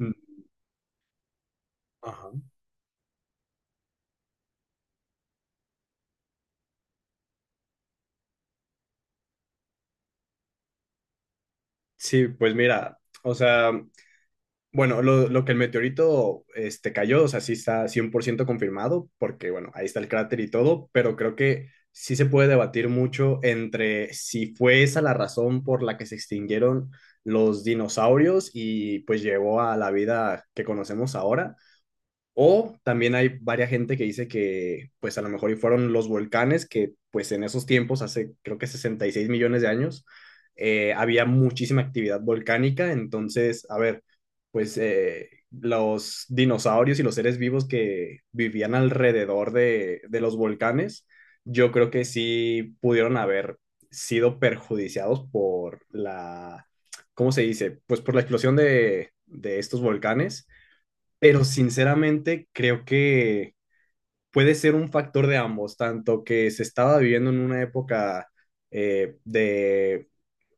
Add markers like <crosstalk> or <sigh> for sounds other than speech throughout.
Mm. Ajá. Sí, pues mira, o sea, bueno, lo que el meteorito este, cayó, o sea, sí está 100% confirmado, porque bueno, ahí está el cráter y todo, pero creo que sí se puede debatir mucho entre si fue esa la razón por la que se extinguieron los dinosaurios y pues llevó a la vida que conocemos ahora. O también hay varias gente que dice que pues a lo mejor y fueron los volcanes que pues en esos tiempos, hace creo que 66 millones de años, había muchísima actividad volcánica. Entonces, a ver, pues los dinosaurios y los seres vivos que vivían alrededor de los volcanes, yo creo que sí pudieron haber sido perjudiciados por la, ¿cómo se dice? Pues por la explosión de estos volcanes, pero sinceramente creo que puede ser un factor de ambos, tanto que se estaba viviendo en una época de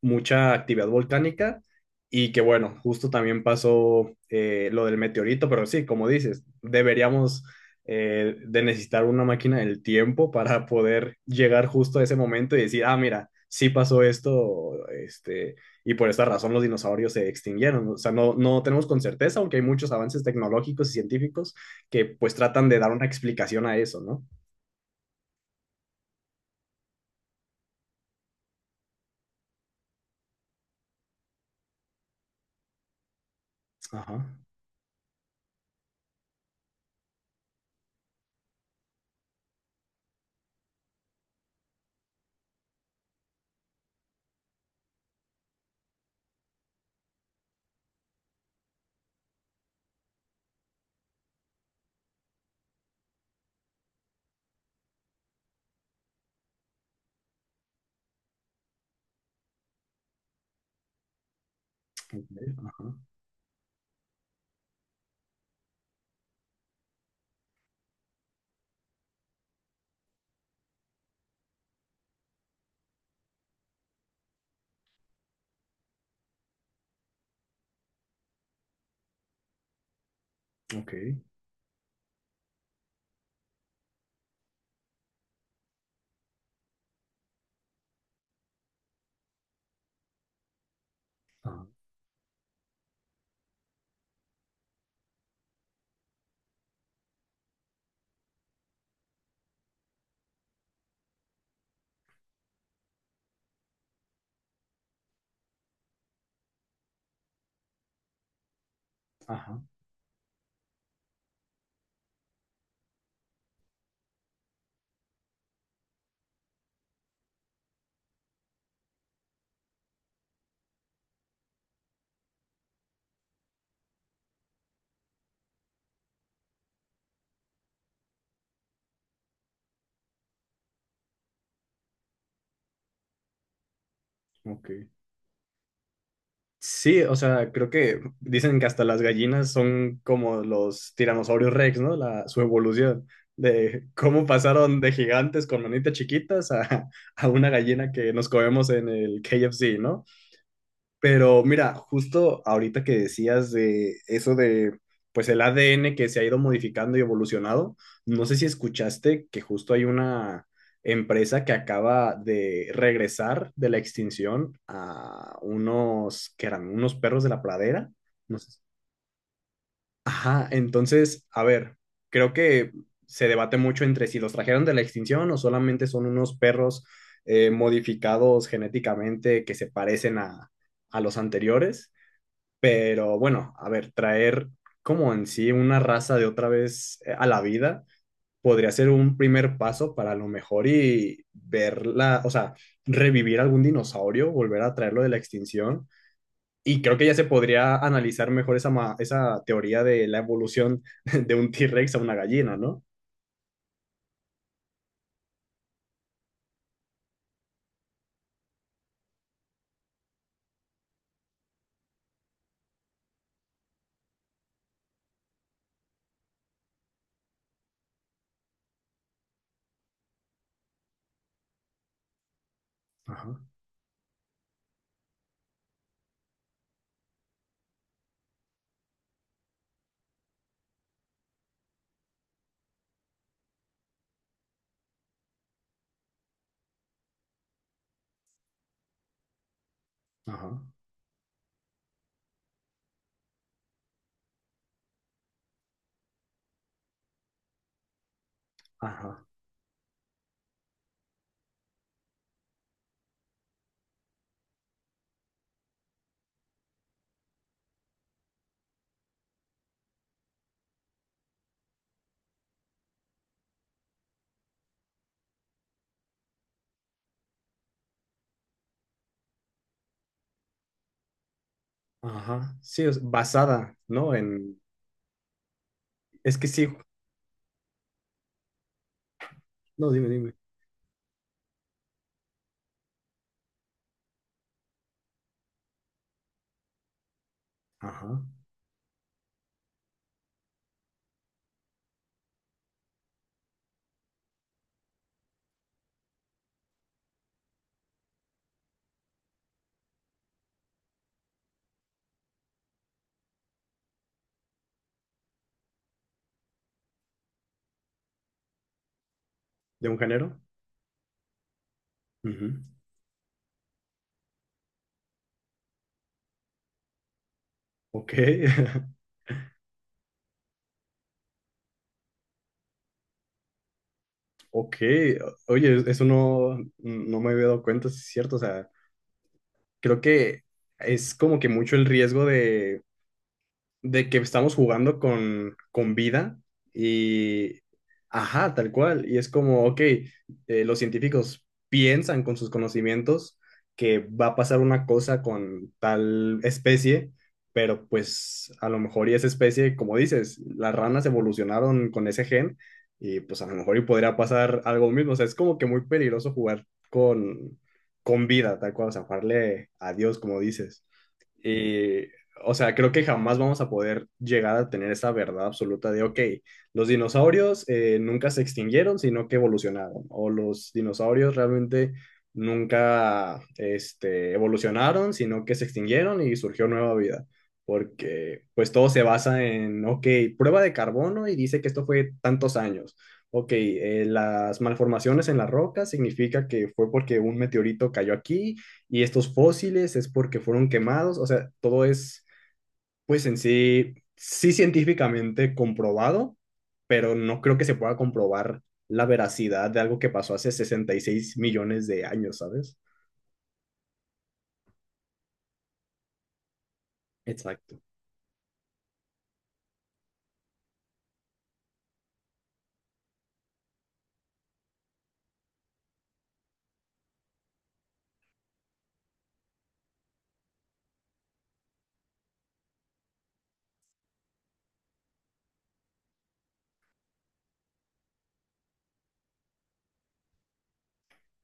mucha actividad volcánica y que bueno, justo también pasó lo del meteorito, pero sí, como dices, deberíamos de necesitar una máquina del tiempo para poder llegar justo a ese momento y decir, ah, mira, sí pasó esto, y por esta razón los dinosaurios se extinguieron. O sea, no, no tenemos con certeza, aunque hay muchos avances tecnológicos y científicos que pues tratan de dar una explicación a eso, ¿no? Ajá, ok, ajá, ok, ajá, ajá, ok. Sí, o sea, creo que dicen que hasta las gallinas son como los tiranosaurios Rex, ¿no? Su evolución de cómo pasaron de gigantes con manitas chiquitas a, <laughs> a una gallina que nos comemos en el KFC, pero mira, justo ahorita que decías de eso de, pues el ADN que se ha ido modificando y evolucionado, no sé si escuchaste que justo hay una empresa que acaba de regresar de la extinción a unos, que eran unos perros de la pradera. No sé si, ajá, entonces, a ver, creo que se debate mucho entre si los trajeron de la extinción o solamente son unos perros modificados genéticamente que se parecen a los anteriores. Pero bueno, a ver, traer como en sí una raza de otra vez a la vida podría ser un primer paso para a lo mejor y verla, o sea, revivir algún dinosaurio, volver a traerlo de la extinción. Y creo que ya se podría analizar mejor esa teoría de la evolución <laughs> de un T-Rex a una gallina, ¿no? Ajá, ajá, ajá, ajá. Sí, es basada, ¿no? En. Es que sí, no, dime, dime. Ajá. ¿De un género? Ujú. Ok. <laughs> Ok, oye, eso no, no me había dado cuenta, sí es cierto, o sea, creo que es como que mucho el riesgo de que estamos jugando con vida y, ajá, tal cual. Y es como, ok, los científicos piensan con sus conocimientos que va a pasar una cosa con tal especie, pero pues a lo mejor y esa especie, como dices, las ranas evolucionaron con ese gen y pues a lo mejor y podría pasar algo mismo. O sea, es como que muy peligroso jugar con vida, tal cual, o sea, jugarle a Dios, como dices. Y, o sea, creo que jamás vamos a poder llegar a tener esa verdad absoluta de, ok, los dinosaurios nunca se extinguieron, sino que evolucionaron, o los dinosaurios realmente nunca evolucionaron, sino que se extinguieron y surgió nueva vida, porque pues todo se basa en, ok, prueba de carbono y dice que esto fue tantos años. Ok, las malformaciones en la roca significa que fue porque un meteorito cayó aquí y estos fósiles es porque fueron quemados, o sea, todo es pues en sí, sí científicamente comprobado, pero no creo que se pueda comprobar la veracidad de algo que pasó hace 66 millones de años, ¿sabes? Exacto.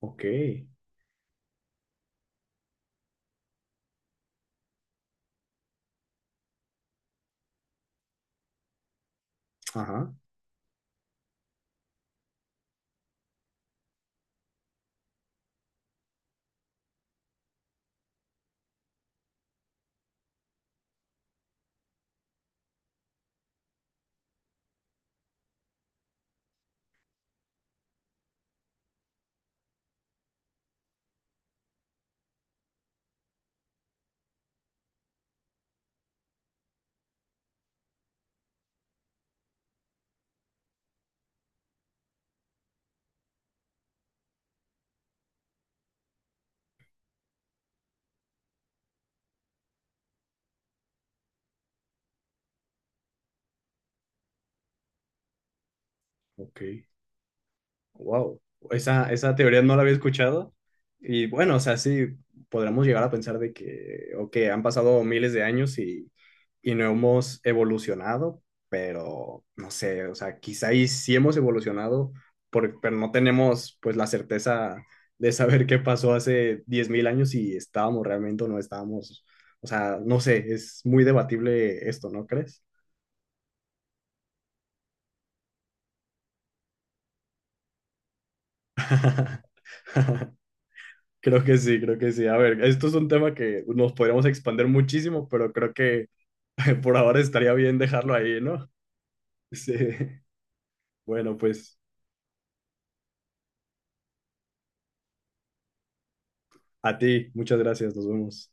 Ok, ajá, ok. Wow, esa teoría no la había escuchado. Y bueno, o sea, sí, podríamos llegar a pensar de que, ok, han pasado miles de años y no hemos evolucionado, pero no sé, o sea, quizá y sí hemos evolucionado, pero no tenemos pues la certeza de saber qué pasó hace 10,000 años si estábamos realmente o no estábamos. O sea, no sé, es muy debatible esto, ¿no crees? <laughs> Creo que sí, creo que sí. A ver, esto es un tema que nos podríamos expandir muchísimo, pero creo que <laughs> por ahora estaría bien dejarlo ahí, ¿no? <laughs> Sí. Bueno, pues a ti, muchas gracias, nos vemos.